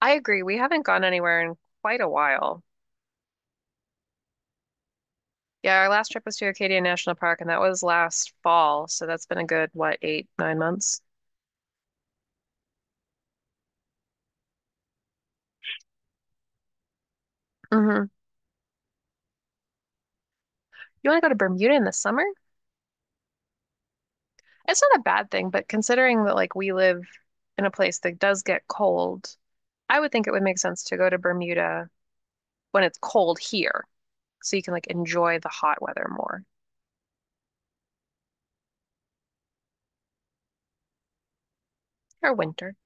I agree. We haven't gone anywhere in quite a while. Yeah, our last trip was to Acadia National Park, and that was last fall. So that's been a good, what, eight, nine months? Hmm. You want to go to Bermuda in the summer? It's not a bad thing, but considering that like we live in a place that does get cold, I would think it would make sense to go to Bermuda when it's cold here, so you can like enjoy the hot weather more or winter.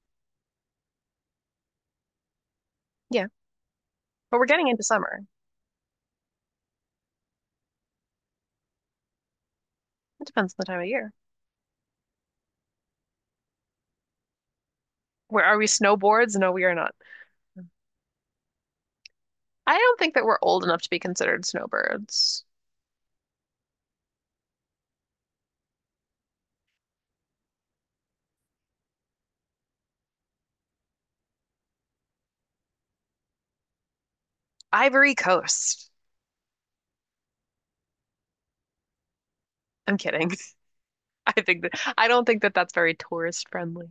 Yeah, but we're getting into summer. It depends on the time of year. Where are we snowboards? No, we are not. I don't think that we're old enough to be considered snowbirds. Ivory Coast. I'm kidding. I don't think that that's very tourist friendly.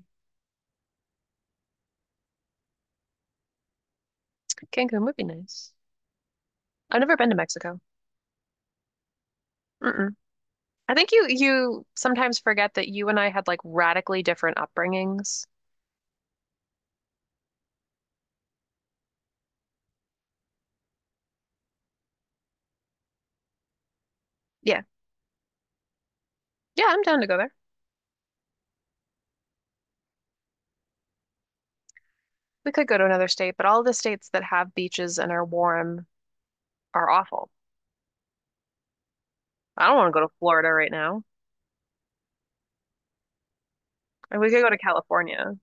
Cancun would be nice. I've never been to Mexico. Mm-mm. I think you sometimes forget that you and I had like radically different upbringings. Yeah. Yeah, I'm down to go there. We could go to another state, but all the states that have beaches and are warm are awful. I don't want to go to Florida right now. And we could go to California.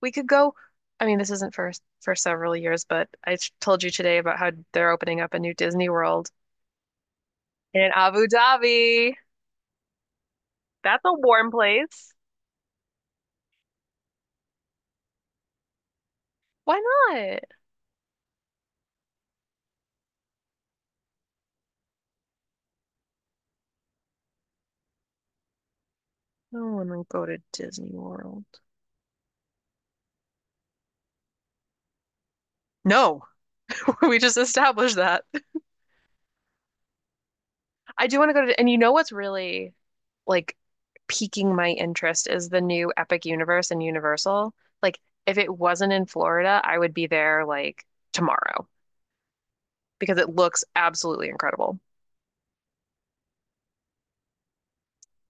We could go. I mean, this isn't for several years, but I told you today about how they're opening up a new Disney World in Abu Dhabi. That's a warm place. Why not? No one to go to Disney World. No, we just established that. I do want to go to, and you know what's really like piquing my interest is the new Epic Universe in Universal. Like, if it wasn't in Florida, I would be there like tomorrow because it looks absolutely incredible.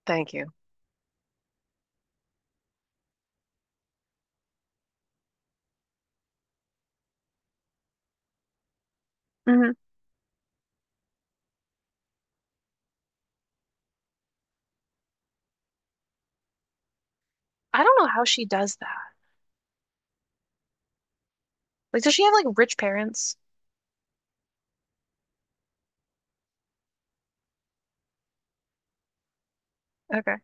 Thank you. Mhm. I don't know how she does that. Like, does she have like rich parents? Okay.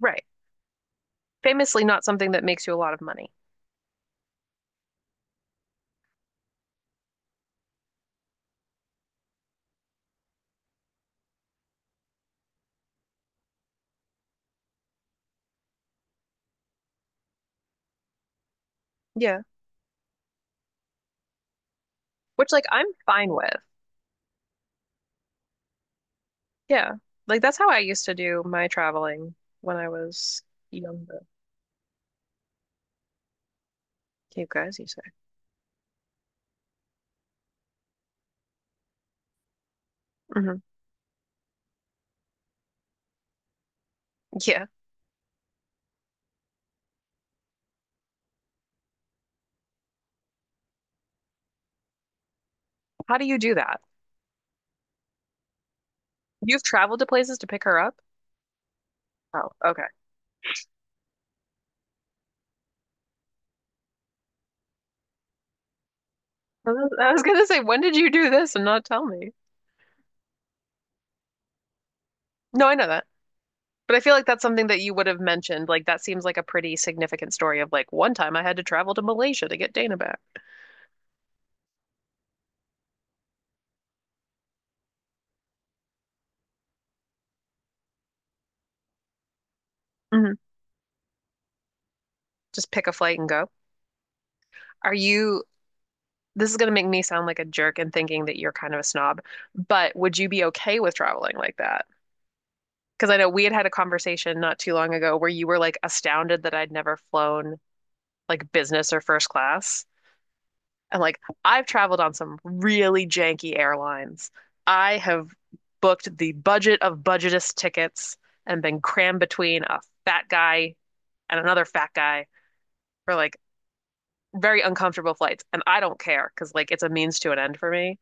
Right. Famously not something that makes you a lot of money. Yeah. Which like I'm fine with. Yeah. Like that's how I used to do my traveling when I was younger. Cape guys, you say. Hmm. Yeah. How do you do that? You've traveled to places to pick her up? Oh, okay. I was gonna say, when did you do this and not tell me? No, I know that. But I feel like that's something that you would have mentioned. Like that seems like a pretty significant story of like one time I had to travel to Malaysia to get Dana back. Mhm. Just pick a flight and go. Are you, this is going to make me sound like a jerk and thinking that you're kind of a snob, but would you be okay with traveling like that? Because I know we had had a conversation not too long ago where you were like astounded that I'd never flown like business or first class. And like, I've traveled on some really janky airlines. I have booked the budget of budgetist tickets and been crammed between a fat guy and another fat guy for like very uncomfortable flights, and I don't care because like it's a means to an end for me.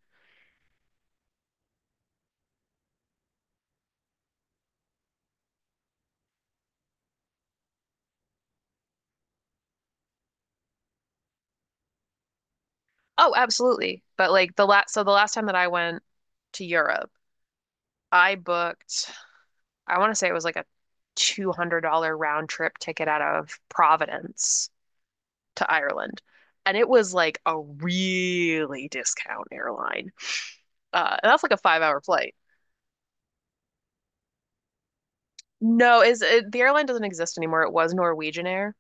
Oh, absolutely. But like the last, so the last time that I went to Europe, I booked, I want to say it was like a $200 round trip ticket out of Providence to Ireland. And it was like a really discount airline. And that's like a five-hour flight. No, is it, the airline doesn't exist anymore. It was Norwegian Air.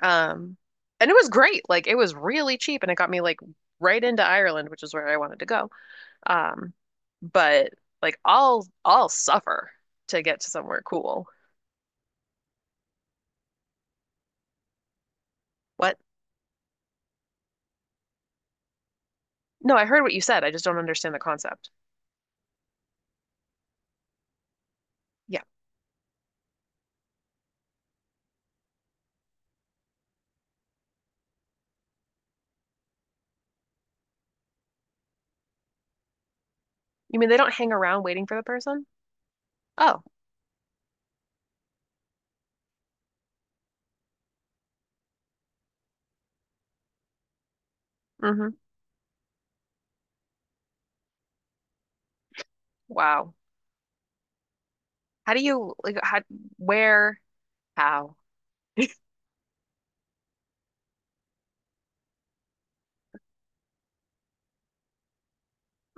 Um, and it was great. Like it was really cheap and it got me like right into Ireland, which is where I wanted to go. Um, but like I'll suffer to get to somewhere cool. What? No, I heard what you said. I just don't understand the concept. Yeah. You mean they don't hang around waiting for the person? Oh. Mm-hmm. Wow. How do you like how where how?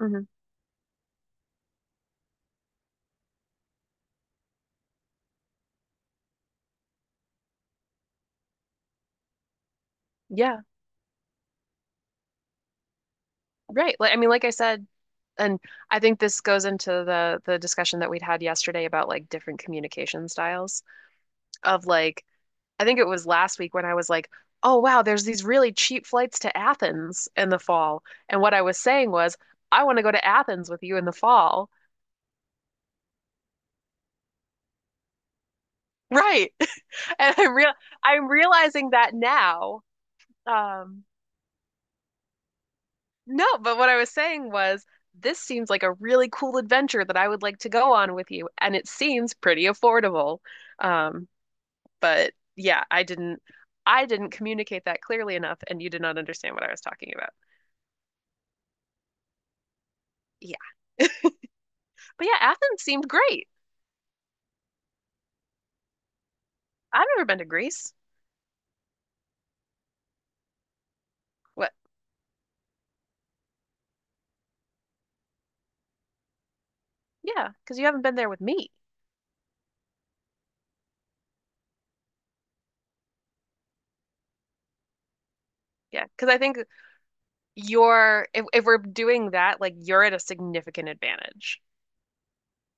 Mm-hmm. Yeah. Right. Like I mean, like I said, and I think this goes into the discussion that we'd had yesterday about like different communication styles. Of like, I think it was last week when I was like, oh, wow, there's these really cheap flights to Athens in the fall. And what I was saying was, I want to go to Athens with you in the fall. Right. And I'm realizing that now. Um, no, but what I was saying was this seems like a really cool adventure that I would like to go on with you, and it seems pretty affordable. Um, but yeah, I didn't communicate that clearly enough, and you did not understand what I was talking about. Yeah. But yeah, Athens seemed great. I've never been to Greece. What? Yeah, because you haven't been there with me. Yeah, because I think you're, if we're doing that, like you're at a significant advantage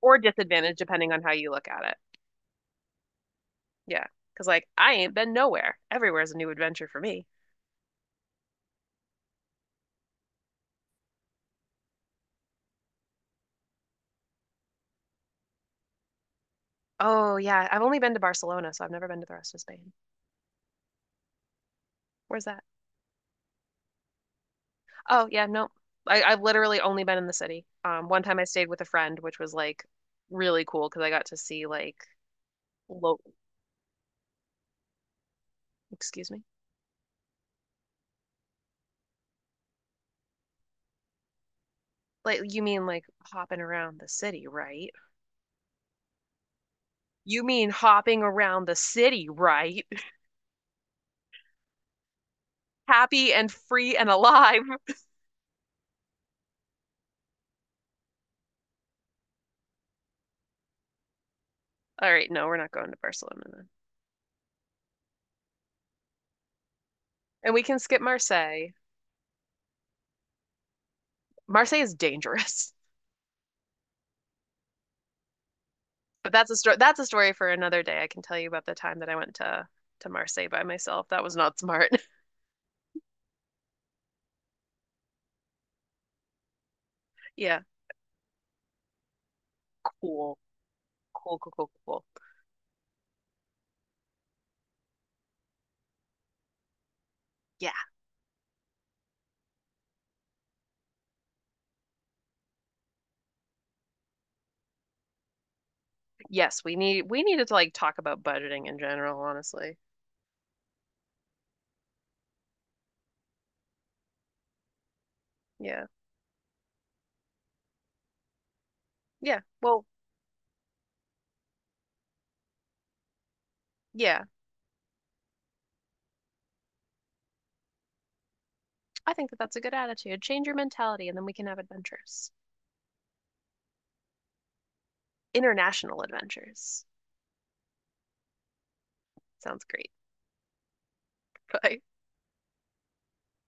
or disadvantage, depending on how you look at it. Yeah, because like I ain't been nowhere. Everywhere is a new adventure for me. Oh, yeah, I've only been to Barcelona, so I've never been to the rest of Spain. Where's that? Oh, yeah, no. I've literally only been in the city. One time I stayed with a friend, which was like really cool because I got to see like, lo- excuse me. Like you mean like hopping around the city, right? You mean hopping around the city, right? Happy and free and alive. All right, no, we're not going to Barcelona then. And we can skip Marseille. Marseille is dangerous. But that's a story for another day. I can tell you about the time that I went to Marseille by myself. That was not smart. Yeah. Cool. Cool, cool, cool, cool. Yeah. Yes, we needed to like talk about budgeting in general, honestly. Yeah. Yeah. Well, yeah. I think that that's a good attitude. Change your mentality and then we can have adventures. International adventures. Sounds great. Bye.